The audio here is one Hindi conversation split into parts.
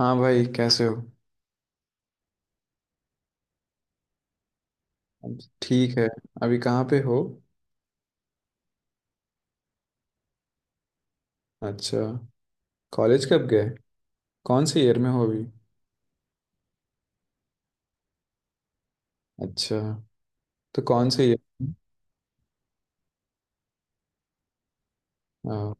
हाँ भाई, कैसे हो? ठीक है। अभी कहाँ पे हो? अच्छा। कॉलेज कब गए? कौन से ईयर में हो अभी? अच्छा, तो कौन से ईयर? हाँ,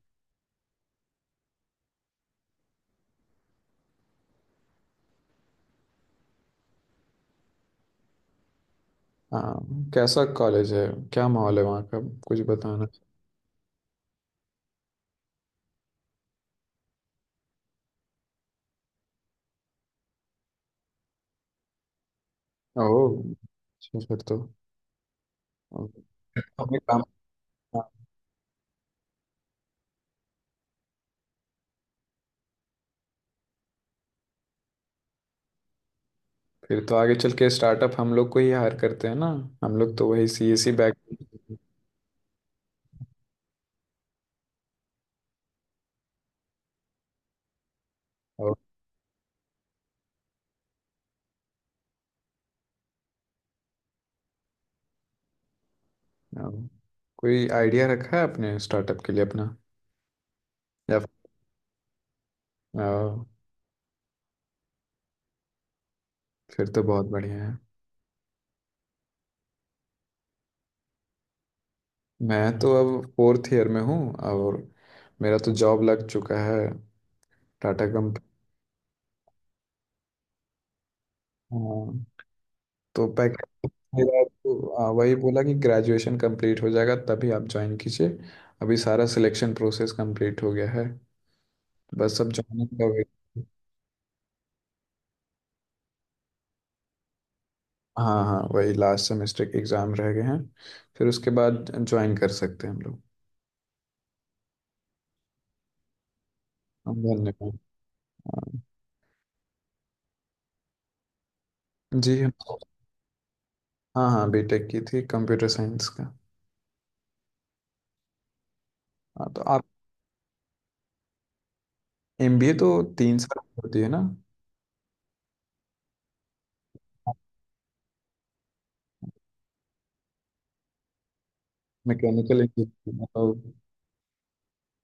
हाँ, कैसा कॉलेज है? क्या माहौल है वहाँ का? कुछ बताना। ओह अच्छा, फिर तो। हमें काम। हाँ, फिर तो आगे चल के स्टार्टअप हम लोग को ही हायर करते हैं ना। हम लोग तो वही सी एस सी बैक और और कोई आइडिया रखा है अपने स्टार्टअप के लिए अपना? या? ओ, फिर तो बहुत बढ़िया है। मैं तो अब फोर्थ ईयर में हूँ, और मेरा तो जॉब लग चुका है। टाटा कंपनी। हाँ, तो पैकेज। मेरा तो वही बोला कि ग्रेजुएशन कंप्लीट हो जाएगा तभी आप ज्वाइन कीजिए। अभी सारा सिलेक्शन प्रोसेस कंप्लीट हो गया है। बस अब ज्वाइनिंग का वेट। हाँ, हाँ, वही लास्ट सेमेस्टर के एग्ज़ाम रह गए हैं। फिर उसके बाद ज्वाइन कर सकते हैं हम लोग। धन्यवाद। हाँ। जी हम तो, हाँ, हाँ, बीटेक की थी कंप्यूटर साइंस का। हाँ, तो आप। एमबीए तो 3 साल की होती है ना? मैकेनिकल इंजीनियरिंग तो।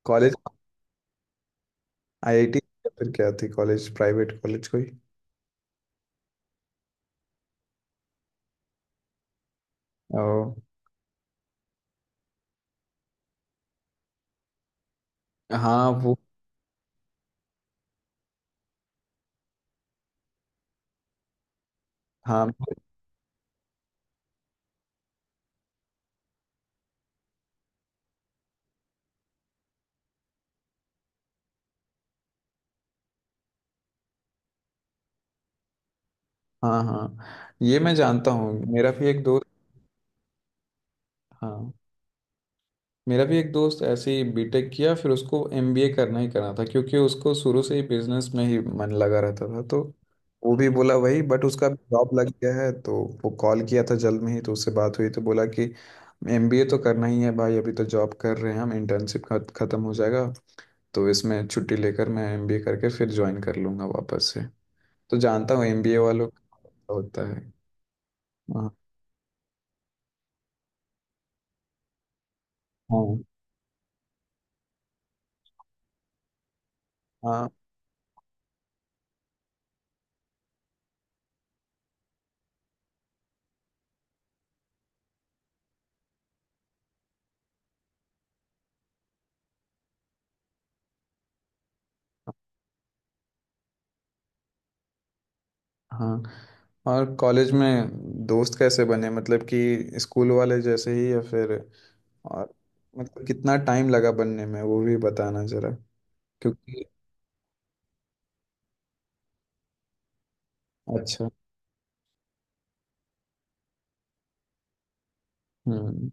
कॉलेज आईआईटी या फिर क्या थी कॉलेज, प्राइवेट कॉलेज कोई? ओ, हाँ वो। हाँ, हाँ। हाँ, ये मैं जानता हूँ, मेरा भी एक दोस्त। हाँ, मेरा भी एक दोस्त ऐसे ही बीटेक किया, फिर उसको एमबीए करना ही करना था क्योंकि उसको शुरू से ही बिजनेस में ही मन लगा रहता था। तो वो भी बोला वही, बट उसका जॉब लग गया है। तो वो कॉल किया था जल्द में ही, तो उससे बात हुई तो बोला कि एमबीए तो करना ही है भाई, अभी तो जॉब कर रहे हैं हम, इंटर्नशिप खत्म हो जाएगा तो इसमें छुट्टी लेकर मैं एमबीए करके फिर ज्वाइन कर लूंगा वापस से। तो जानता हूँ एमबीए वालों का होता है। हाँ। हाँ। हाँ। हाँ। और कॉलेज में दोस्त कैसे बने? मतलब कि स्कूल वाले जैसे ही, या फिर? और मतलब कितना टाइम लगा बनने में, वो भी बताना जरा। क्योंकि अच्छा। हम्म।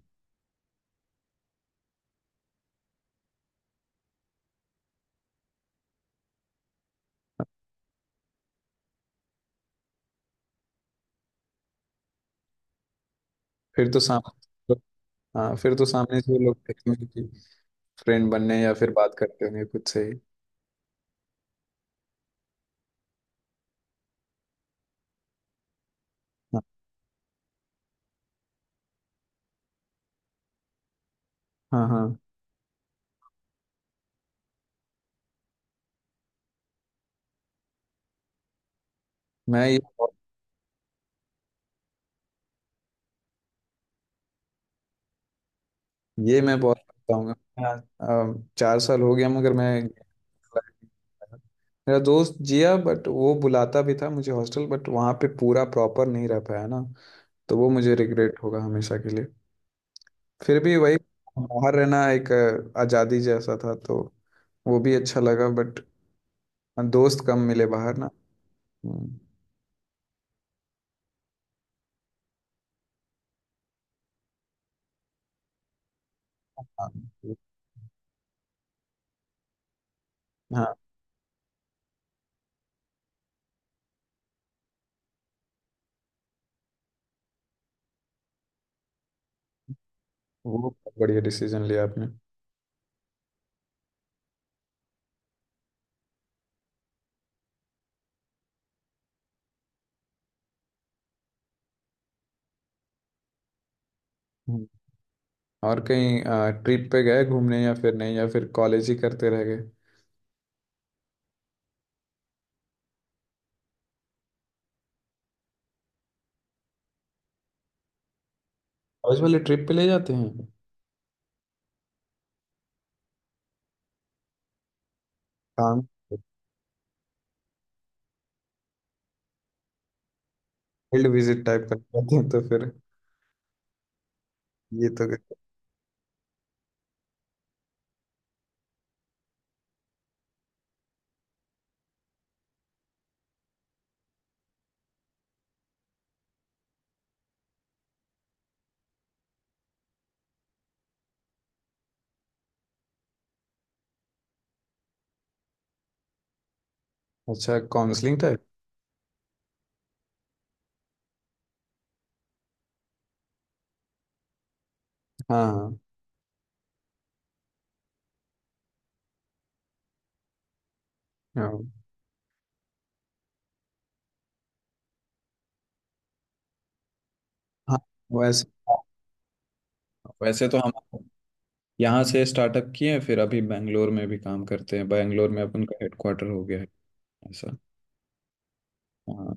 फिर तो साम हाँ, फिर तो सामने से लोग देखेंगे कि फ्रेंड बनने, या फिर बात करते होंगे खुद से ही। हाँ, हाँ, हाँ, मैं ये मैं बहुत बताऊंगा। 4 साल हो गया, मगर मैं, मेरा दोस्त जिया, बट वो बुलाता भी था मुझे हॉस्टल, बट वहाँ पे पूरा प्रॉपर नहीं रह पाया ना। तो वो मुझे रिग्रेट होगा हमेशा के लिए। फिर भी वही, बाहर रहना एक आज़ादी जैसा था, तो वो भी अच्छा लगा, बट दोस्त कम मिले बाहर ना। हम्म। हाँ, हाँ, वो बहुत बढ़िया डिसीजन लिया आपने। हम्म। और कहीं ट्रिप पे गए घूमने या फिर नहीं, या फिर कॉलेज ही करते रह गए? कॉलेज वाले ट्रिप पे ले जाते हैं? काम, फील्ड विजिट टाइप कर जाते हैं तो फिर ये तो। अच्छा, काउंसलिंग टाइप। हाँ, हाँ। हाँ, वैसे, वैसे तो हम यहाँ से स्टार्टअप किए हैं, फिर अभी बैंगलोर में भी काम करते हैं, बैंगलोर में अपन का हेडक्वार्टर हो गया है। ऐसा। हाँ।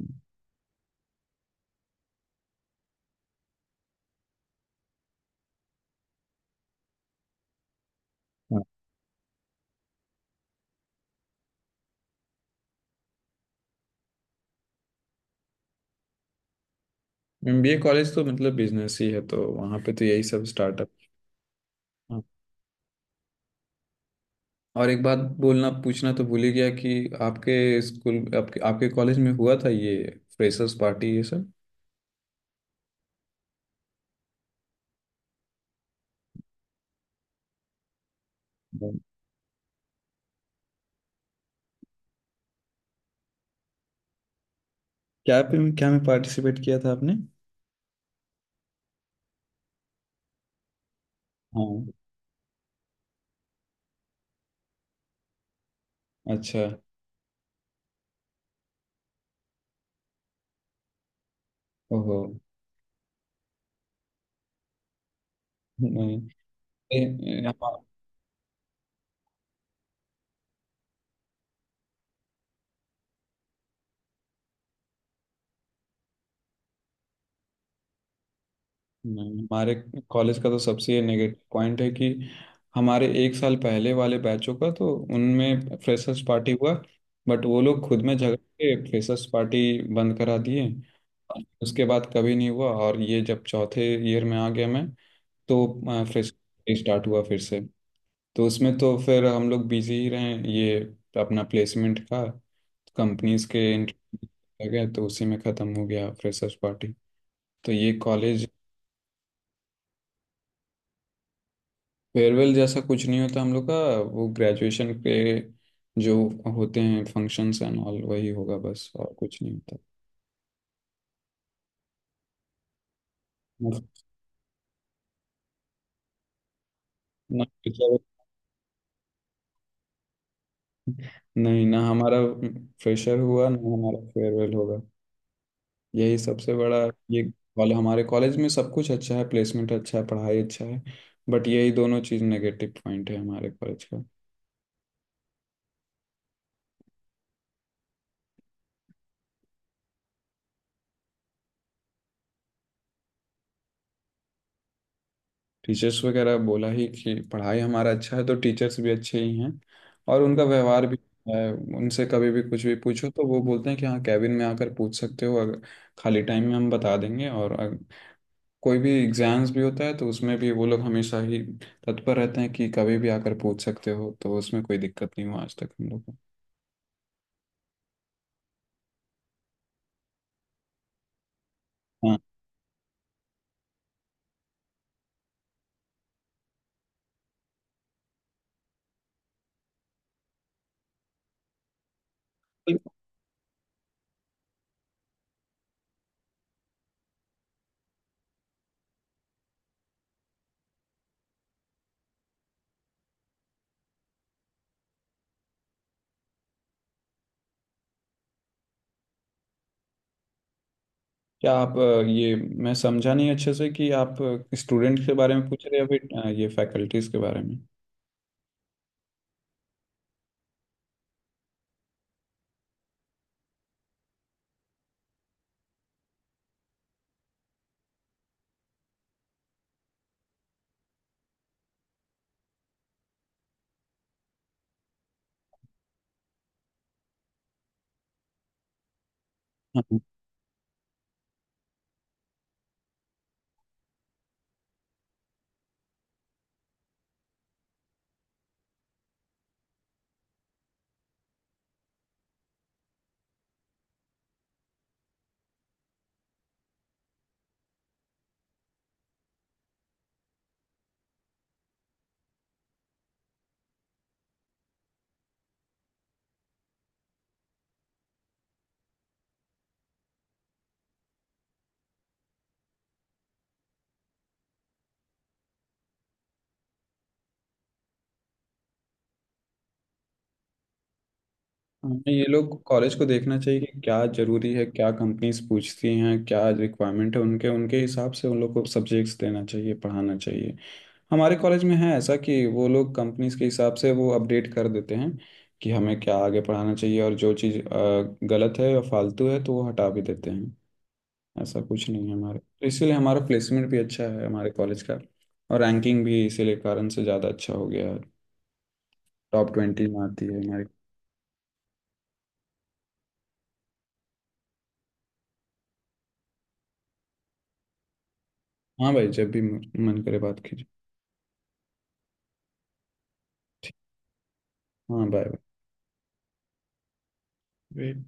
हाँ, एमबीए कॉलेज तो मतलब बिजनेस ही है, तो वहाँ पे तो यही सब स्टार्टअप। हाँ, और एक बात बोलना पूछना तो भूल ही गया कि आपके स्कूल, आपके आपके कॉलेज में हुआ था ये फ्रेशर्स पार्टी, ये सब? क्या में पार्टिसिपेट किया था आपने? हाँ। अच्छा। ओहो। नहीं, ए- ए- हम- नहीं, हमारे कॉलेज का तो सबसे नेगेटिव पॉइंट है कि हमारे 1 साल पहले वाले बैचों का, तो उनमें फ्रेशर्स पार्टी हुआ, बट वो लोग खुद में झगड़ के फ्रेशर्स पार्टी बंद करा दिए। और उसके बाद कभी नहीं हुआ, और ये जब चौथे ईयर में आ गया मैं, तो फ्रेशर्स पार्टी स्टार्ट हुआ फिर से। तो उसमें तो फिर हम लोग बिजी ही रहे, ये अपना प्लेसमेंट का कंपनीज के इंटरव्यू आ गया, तो उसी में ख़त्म हो गया फ्रेशर्स पार्टी। तो ये कॉलेज, फेयरवेल जैसा कुछ नहीं होता हम लोग का। वो ग्रेजुएशन के जो होते हैं फंक्शंस एंड ऑल, वही होगा बस, और कुछ नहीं होता। ना, फ्रेशर, नहीं ना, हमारा फ्रेशर हुआ ना, हमारा फेयरवेल होगा। यही सबसे बड़ा ये कॉल, हमारे कॉलेज में सब कुछ अच्छा है, प्लेसमेंट अच्छा है, पढ़ाई अच्छा है, बट यही दोनों चीज़ नेगेटिव पॉइंट है हमारे कॉलेज का। टीचर्स वगैरह बोला ही कि पढ़ाई हमारा अच्छा है, तो टीचर्स भी अच्छे ही हैं, और उनका व्यवहार भी अच्छा है। उनसे कभी भी कुछ भी पूछो तो वो बोलते हैं कि हाँ, कैबिन में आकर पूछ सकते हो, अगर खाली टाइम में हम बता देंगे। और अगर कोई भी एग्जाम्स भी होता है तो उसमें भी वो लोग हमेशा ही तत्पर रहते हैं कि कभी भी आकर पूछ सकते हो, तो उसमें कोई दिक्कत नहीं हुआ आज तक हम लोग को। हाँ, क्या आप ये मैं समझा नहीं अच्छे से कि आप स्टूडेंट के बारे में पूछ रहे हैं या फिर ये फैकल्टीज के बारे में? हाँ, हमें ये लोग कॉलेज को देखना चाहिए कि क्या जरूरी है, क्या कंपनीज पूछती हैं, क्या रिक्वायरमेंट है उनके उनके हिसाब से उन लोग को सब्जेक्ट्स देना चाहिए, पढ़ाना चाहिए। हमारे कॉलेज में है ऐसा कि वो लोग कंपनीज के हिसाब से वो अपडेट कर देते हैं कि हमें क्या आगे पढ़ाना चाहिए, और जो चीज़ गलत है या फालतू है तो वो हटा भी देते हैं। ऐसा कुछ नहीं है हमारे, तो इसीलिए हमारा प्लेसमेंट भी अच्छा है हमारे कॉलेज का, और रैंकिंग भी इसीलिए कारण से ज़्यादा अच्छा हो गया है। टॉप 20 में आती है हमारी। हाँ भाई, जब भी मन मन करे बात कीजिए। हाँ, बाय। बाय।